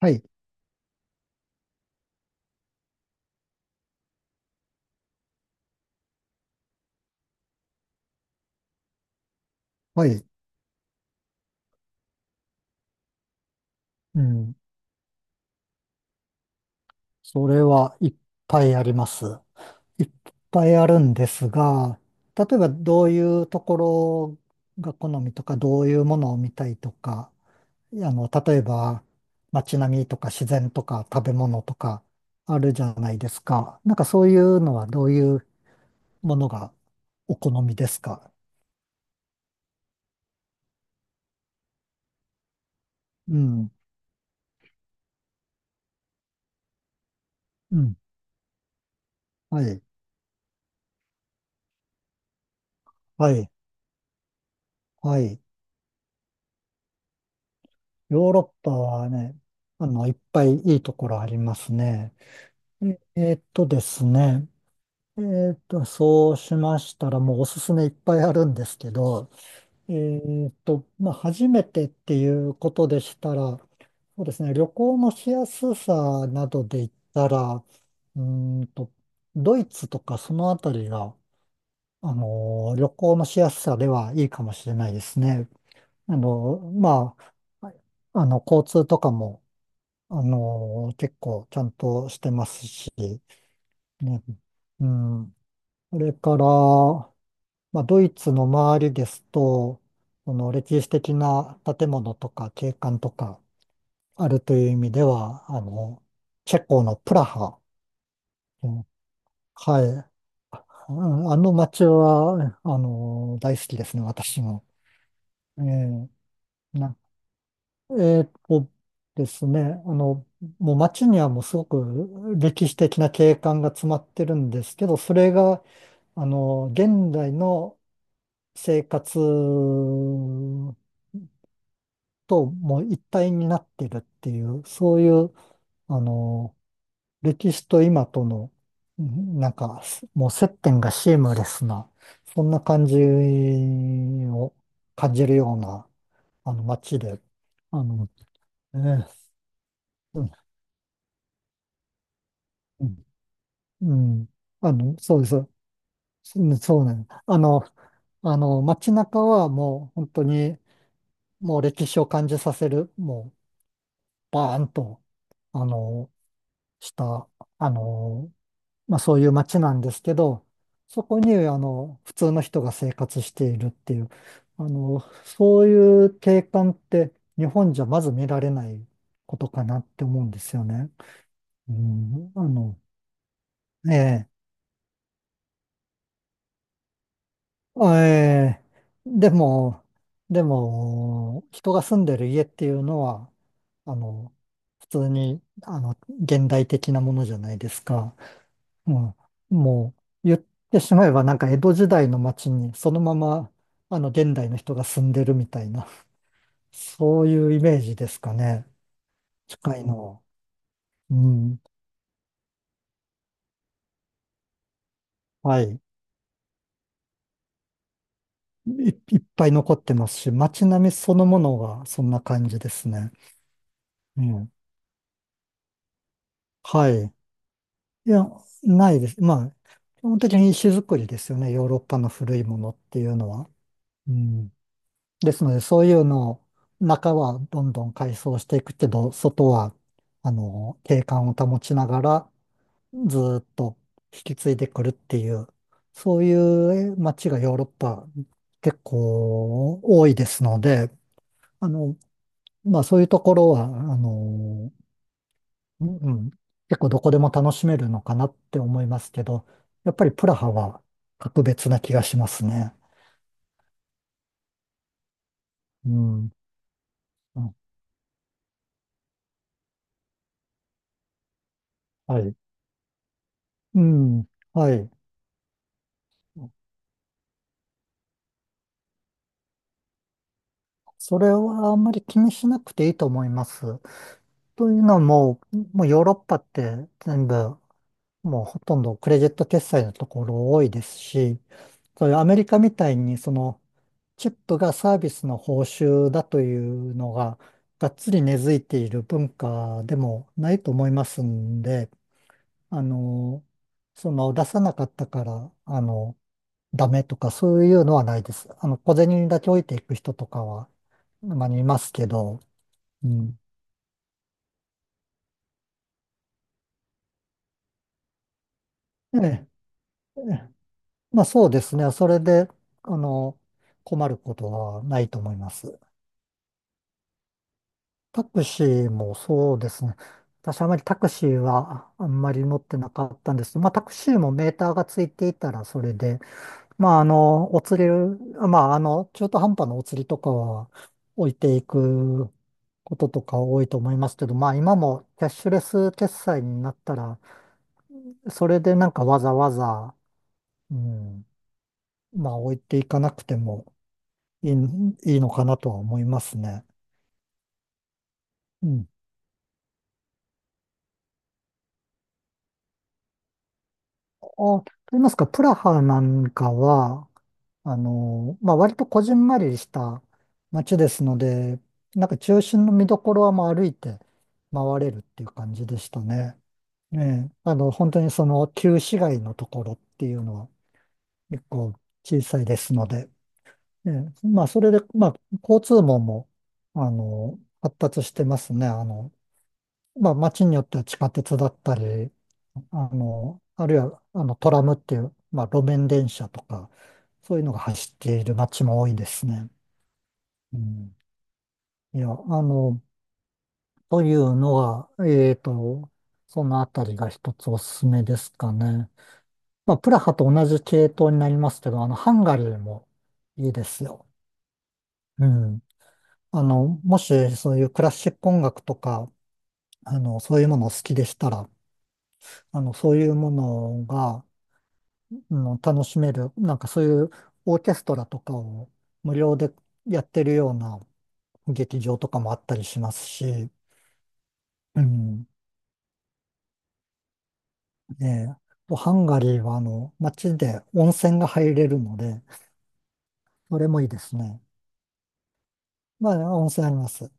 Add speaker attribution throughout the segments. Speaker 1: はい、はい、うん。それはいっぱいあります。いっぱいあるんですが、例えばどういうところが好みとか、どういうものを見たいとか、例えば街並みとか自然とか食べ物とかあるじゃないですか。なんかそういうのはどういうものがお好みですか？うん、うん、はい、はい、はい。ヨーロッパはね、いっぱいいいところありますね。ええーっとですね。そうしましたら、もうおすすめいっぱいあるんですけど、まあ、初めてっていうことでしたら、そうですね、旅行のしやすさなどで言ったら、ーんと、ドイツとかそのあたりが、旅行のしやすさではいいかもしれないですね。まあ、交通とかも、結構ちゃんとしてますし、ね。うん。それから、まあ、ドイツの周りですと、その歴史的な建物とか景観とかあるという意味では、チェコのプラハ。うん。はい。うん。あの街は、大好きですね、私も。えーな、えーっとですね、もう街にはもうすごく歴史的な景観が詰まってるんですけど、それが、現代の生活ともう一体になってるっていう、そういう、あの、歴史と今との、なんか、もう接点がシームレスな、そんな感じを感じるような、街で、あの、えーうんうん、うん。そうです。うん。そうね。あの、街中はもう本当に、もう歴史を感じさせる、もう、バーンと、あの、した、あの、まあ、そういう街なんですけど、そこに、普通の人が生活しているっていう、そういう景観って日本じゃまず見られないことかなって思うんですよね。うん、ええ、ええ、でも、人が住んでる家っていうのは、あの、普通に、現代的なものじゃないですか。うん、もう言ってしまえばなんか江戸時代の町にそのままあの現代の人が住んでるみたいな、そういうイメージですかね。近いの。うん。はい。い、いっぱい残ってますし、街並みそのものがそんな感じですね。うん。はい。いや、ないです。まあ、基本的に石造りですよね。ヨーロッパの古いものっていうのは。うん。ですので、そういうのを、中はどんどん改装していくけど、外は、景観を保ちながら、ずーっと引き継いでくるっていう、そういう街がヨーロッパ結構多いですので、あの、まあそういうところは、うんうん、結構どこでも楽しめるのかなって思いますけど、やっぱりプラハは格別な気がしますね。うん。あ。はい。うん。はい。それはあんまり気にしなくていいと思います。というのはもうヨーロッパって全部、もうほとんどクレジット決済のところ多いですし、そういうアメリカみたいにそのチップがサービスの報酬だというのががっつり根付いている文化でもないと思いますんで、あの、その出さなかったから、ダメとかそういうのはないです。小銭だけ置いていく人とかは、まあ、いますけど、うん。ええ、ええ、まあそうですね。それで、あの、困ることはないと思います。タクシーもそうですね。私あまりタクシーはあんまり乗ってなかったんです。まあタクシーもメーターがついていたらそれで、まあお釣り、まあ中途半端なお釣りとかは置いていくこととか多いと思いますけど、まあ今もキャッシュレス決済になったら、それでなんかわざわざ、うん、まあ置いていかなくてもいい、いいのかなとは思いますね。うん。あ、と言いますか、プラハなんかは、まあ割とこじんまりした街ですので、なんか中心の見どころはまあ歩いて回れるっていう感じでしたね。ええ、本当にその旧市街のところっていうのは結構小さいですので、ええ、まあそれで、まあ交通網も、発達してますね。まあ、街によっては地下鉄だったり、あるいは、トラムっていう、まあ、路面電車とか、そういうのが走っている街も多いですね。うん。いや、というのは、そのあたりが一つおすすめですかね。まあ、プラハと同じ系統になりますけど、ハンガリーもいいですよ。うん。もしそういうクラシック音楽とか、そういうものを好きでしたら、そういうものが、楽しめる、なんかそういうオーケストラとかを無料でやってるような劇場とかもあったりしますし、うん、ねえ、ハンガリーは街で温泉が入れるので、それもいいですね。まあ、温泉あります。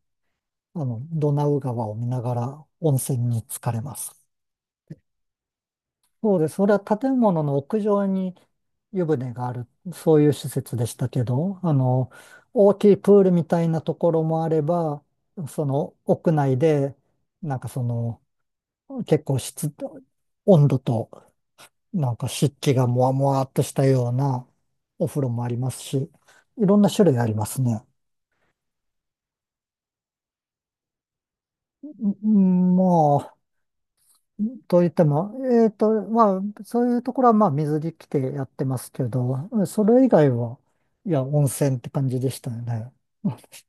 Speaker 1: ドナウ川を見ながら温泉に浸かれます。そうです。それは建物の屋上に湯船がある、そういう施設でしたけど、大きいプールみたいなところもあれば、その屋内で、なんかその、結構湿、温度と、なんか湿気がもわもわっとしたようなお風呂もありますし、いろんな種類ありますね。うん、まあと言っても、まあ、そういうところは、まあ、水着着てやってますけど、それ以外は、いや、温泉って感じでしたよね。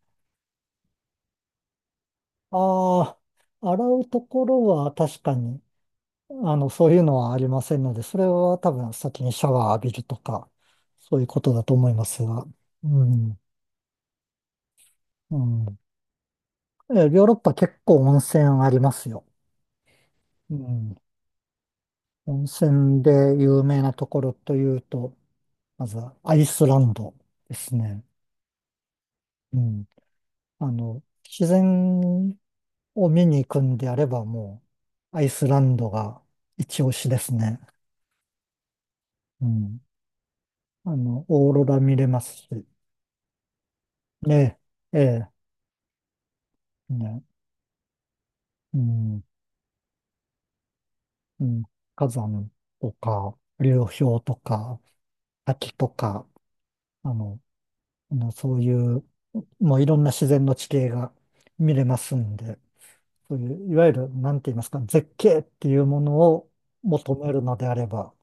Speaker 1: ああ、洗うところは確かに、そういうのはありませんので、それは多分先にシャワー浴びるとか、そういうことだと思いますが。うん、うん。え、ヨーロッパ結構温泉ありますよ。うん。温泉で有名なところというと、まずはアイスランドですね。うん。自然を見に行くんであればもう、アイスランドが一押しですね。うん。オーロラ見れますし、ねえ、ええ、ね、うん、うん、火山とか、流氷とか、滝とか、あの、そういう、もういろんな自然の地形が見れますんで、そういう、いわゆる、なんて言いますか、絶景っていうものを求めるのであれば、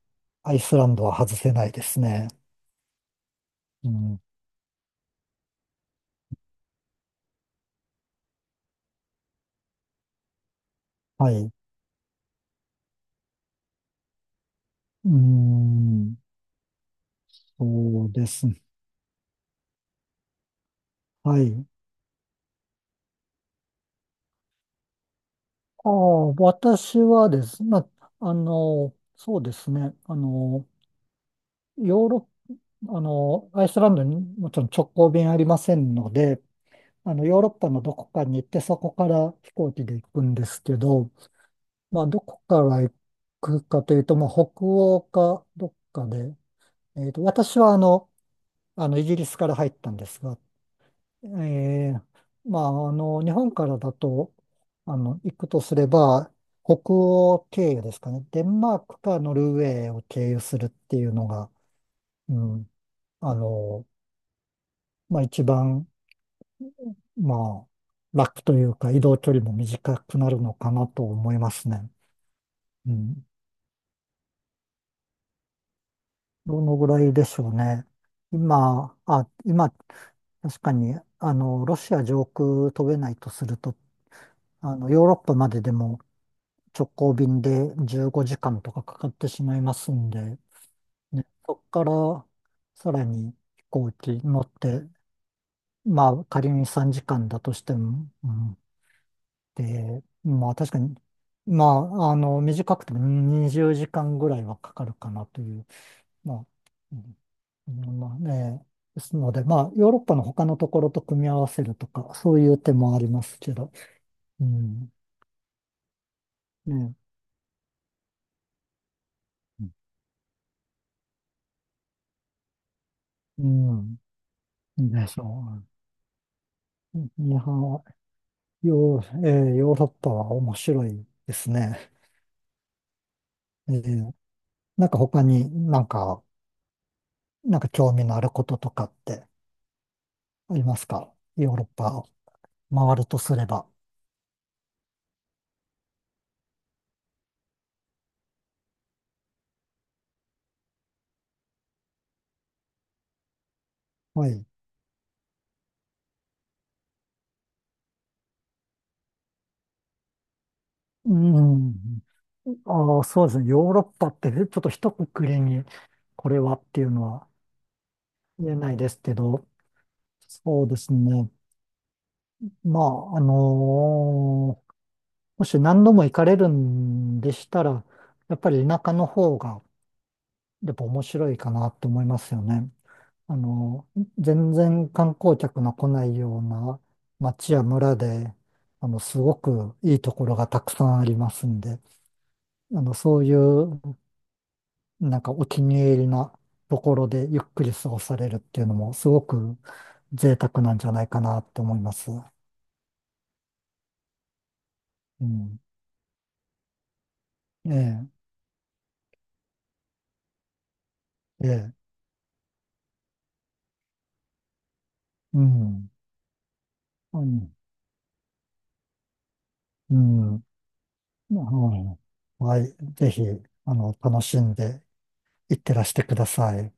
Speaker 1: アイスランドは外せないですね。うん、はい。うーん、そうですね。はい。ああ、私はですね、まあ、そうですね、あの、ヨーロッ、あの、アイスランドにもちろん直行便ありませんので、ヨーロッパのどこかに行って、そこから飛行機で行くんですけど、まあ、どこから行くかというと、まあ、北欧かどっかで、私はイギリスから入ったんですが、えーまあ、日本からだと、行くとすれば、北欧経由ですかね。デンマークかノルウェーを経由するっていうのが、うん、あの、まあ、一番、まあ、楽というか、移動距離も短くなるのかなと思いますね。うん。どのぐらいでしょうね。今、確かに、ロシア上空飛べないとすると、ヨーロッパまででも直行便で15時間とかかかってしまいますんで、ね、そこからさらに飛行機乗って、まあ、仮に3時間だとしても、うん、で、まあ、確かに、まあ、短くても20時間ぐらいはかかるかなというまあ、うんうん、まあね、ですので、まあ、ヨーロッパの他のところと組み合わせるとか、そういう手もありますけど、うん、ね、うん、うんでしょう。いや、ヨーロッパは面白いですね。えーなんか他になんか興味のあることとかってありますかヨーロッパを回るとすれば？はい。うん。ああ、そうですね。ヨーロッパってねちょっと一括りにこれはっていうのは言えないですけど、そうですね。まあ、もし何度も行かれるんでしたら、やっぱり田舎の方がやっぱ面白いかなと思いますよね。全然観光客の来ないような町や村で、すごくいいところがたくさんありますんで、そういうなんかお気に入りなところでゆっくり過ごされるっていうのもすごく贅沢なんじゃないかなって思います。うん。ええ、ええ、うん。うん。うん。はい。ぜひ、楽しんでいってらしてください。